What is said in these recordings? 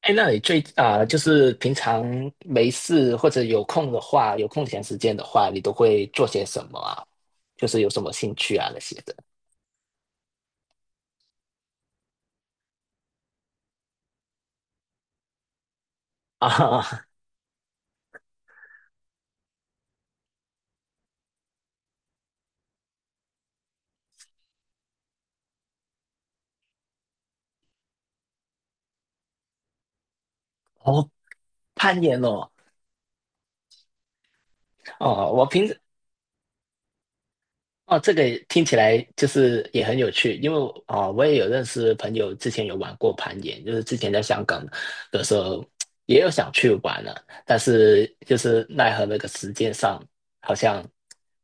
哎，那你就是平常没事或者有空的话，有空闲时间的话，你都会做些什么啊？就是有什么兴趣啊那些的啊？哦，攀岩哦，哦，我平时。哦，这个也听起来就是也很有趣，因为我也有认识朋友之前有玩过攀岩，就是之前在香港的时候也有想去玩了，但是就是奈何那个时间上好像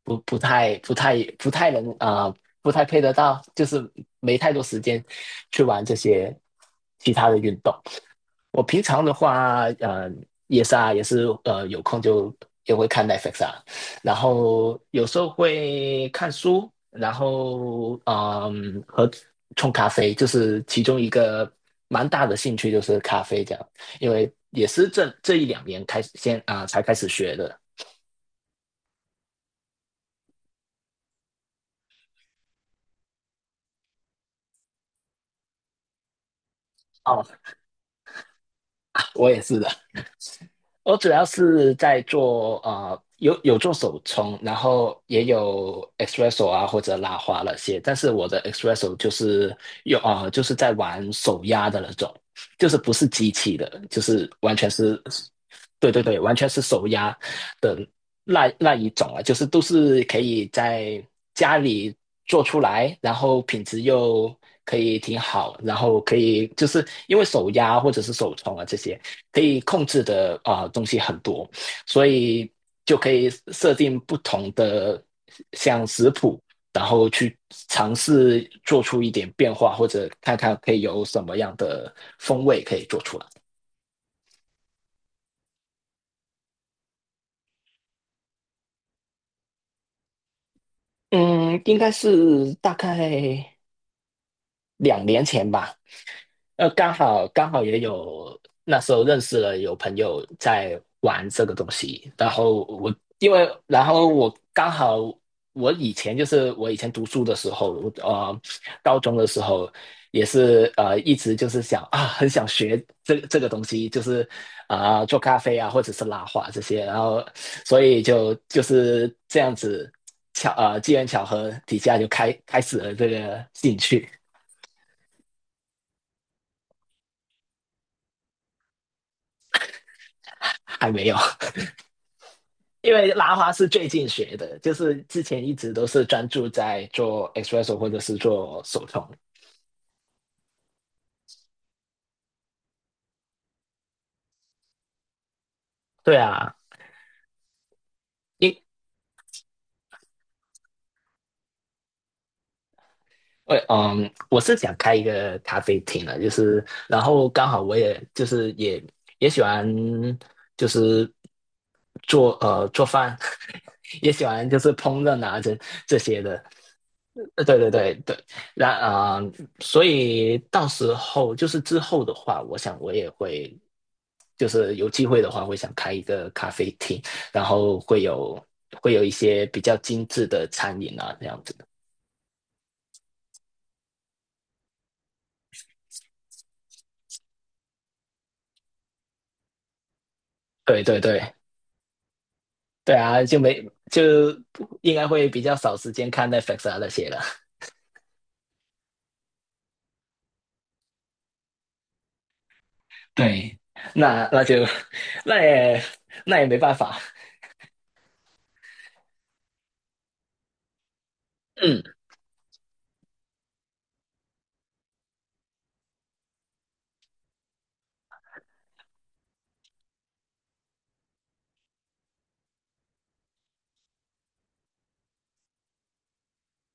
不不太不太不太能啊、不太配得到，就是没太多时间去玩这些其他的运动。我平常的话，也是啊，有空就也会看 Netflix 啊，然后有时候会看书，然后和冲咖啡，就是其中一个蛮大的兴趣就是咖啡这样，因为也是这一两年开始先啊、才开始学的。哦，我也是的。我主要是在做有做手冲，然后也有 espresso 啊或者拉花那些，但是我的 espresso 就是有啊，就是在玩手压的那种，就是不是机器的，就是完全是，对对对，完全是手压的那一种啊，就是都是可以在家里做出来，然后品质又可以挺好，然后可以就是因为手压或者是手冲啊这些可以控制的东西很多，所以就可以设定不同的像食谱，然后去尝试做出一点变化，或者看看可以有什么样的风味可以做出来。嗯，应该是大概2年前吧。刚好也有那时候认识了有朋友在玩这个东西，然后我刚好我以前读书的时候，我高中的时候也是一直就是很想学这个东西，就是做咖啡啊或者是拉花这些，然后所以就是这样子机缘巧合底下就开始了这个兴趣，还没有。因为拉花是最近学的，就是之前一直都是专注在做 espresso 或者是做手冲。对啊，因我嗯，我是想开一个咖啡厅的，就是，然后刚好我也就是也喜欢就是做饭，也喜欢就是烹饪啊这些的，对对对对，那所以到时候就是之后的话，我想我也会就是有机会的话，会想开一个咖啡厅，然后会有一些比较精致的餐饮啊这样子，的，对对对。对啊，就没就应该会比较少时间看 Netflix 啊那些了。对 那就 那也那也没办法。嗯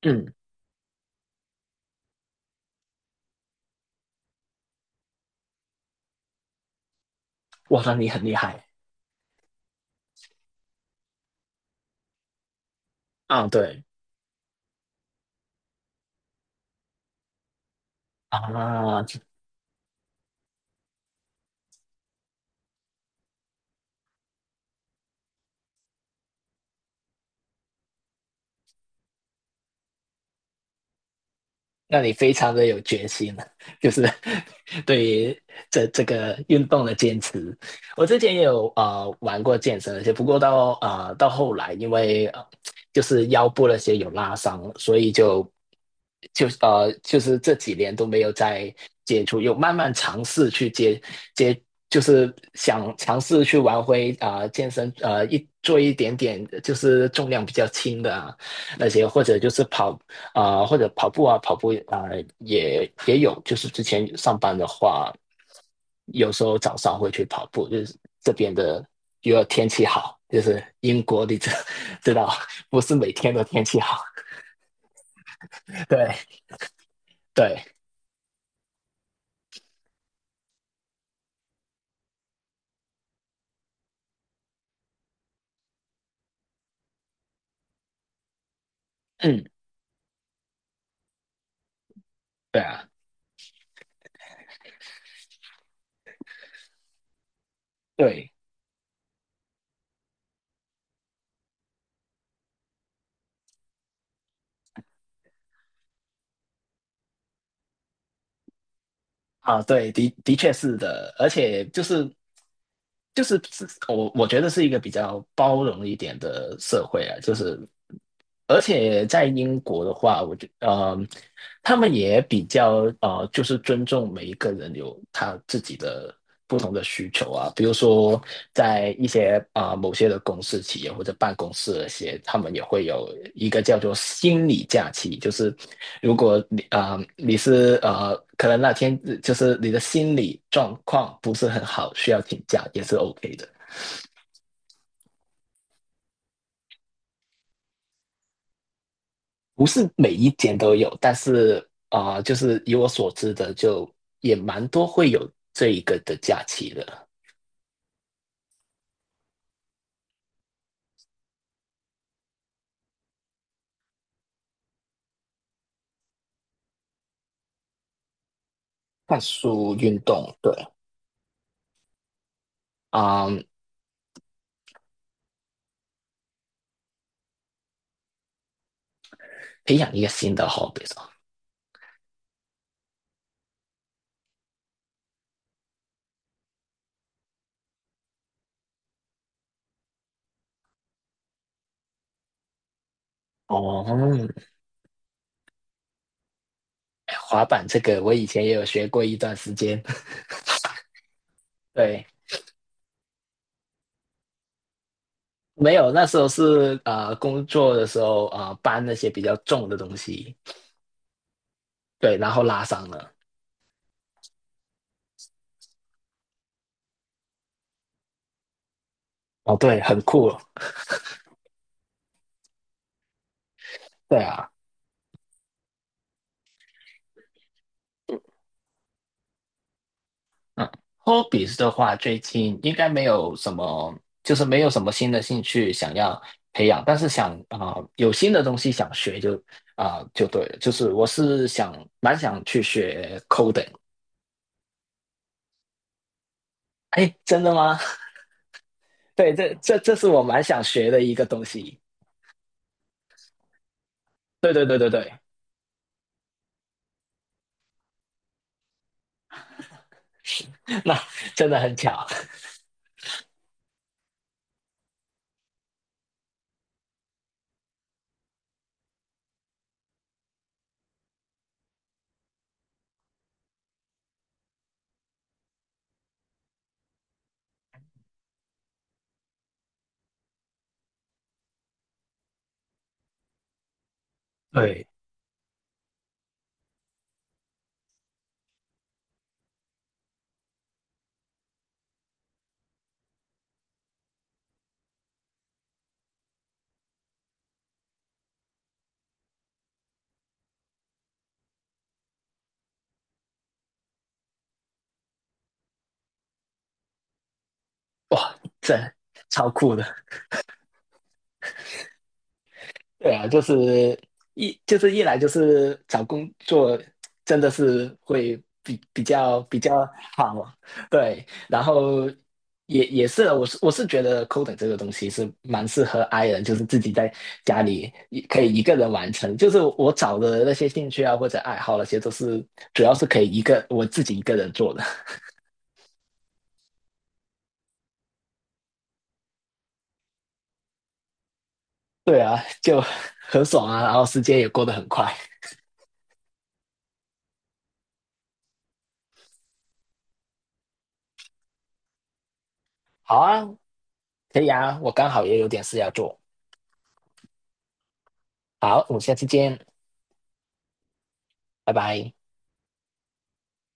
嗯，哇，那你很厉害啊！对啊。让你非常的有决心了，就是 对于这个运动的坚持。我之前也有玩过健身，而且不过到后来，因为就是腰部那些有拉伤，所以就是这几年都没有再接触，有慢慢尝试去接，就是想尝试去玩回健身，一做一点点就是重量比较轻的啊，那些或者就是或者跑步啊，跑步啊、也有，就是之前上班的话，有时候早上会去跑步，就是这边的如果天气好，就是英国你知 知道，不是每天都天气好，对对，嗯，对啊，对啊，对，的确是的，而且就是我觉得是一个比较包容一点的社会啊，就是而且在英国的话，他们也比较就是尊重每一个人有他自己的不同的需求啊。比如说，在一些啊、呃某些的公司企业或者办公室那些，他们也会有一个叫做心理假期，就是如果你是可能那天就是你的心理状况不是很好，需要请假也是 OK 的。不是每一间都有，但是就是以我所知的，就也蛮多会有这一个的假期的。看书、运动，对，啊、培养一个新的 hobby 哦，哎滑板这个我以前也有学过一段时间，对，没有，那时候是工作的时候搬那些比较重的东西，对，然后拉伤了。哦，对，很酷，对啊。嗯，hobbies 的话，最近应该没有什么，就是没有什么新的兴趣想要培养，但是有新的东西想学就对了，就是我蛮想去学 coding。哎，真的吗？对，这是我蛮想学的一个东西。对对对对对，那真的很巧。对，哇，这超酷的。对啊，就是一来就是找工作真的是会比较好，对，然后也是我是觉得 coding 这个东西是蛮适合 i 人，就是自己在家里可以一个人完成，就是我找的那些兴趣啊或者爱好那些都是主要是可以我自己一个人做的，对啊，就很爽啊，然后时间也过得很快。好啊，可以啊，我刚好也有点事要做，好，我们下次见。拜拜。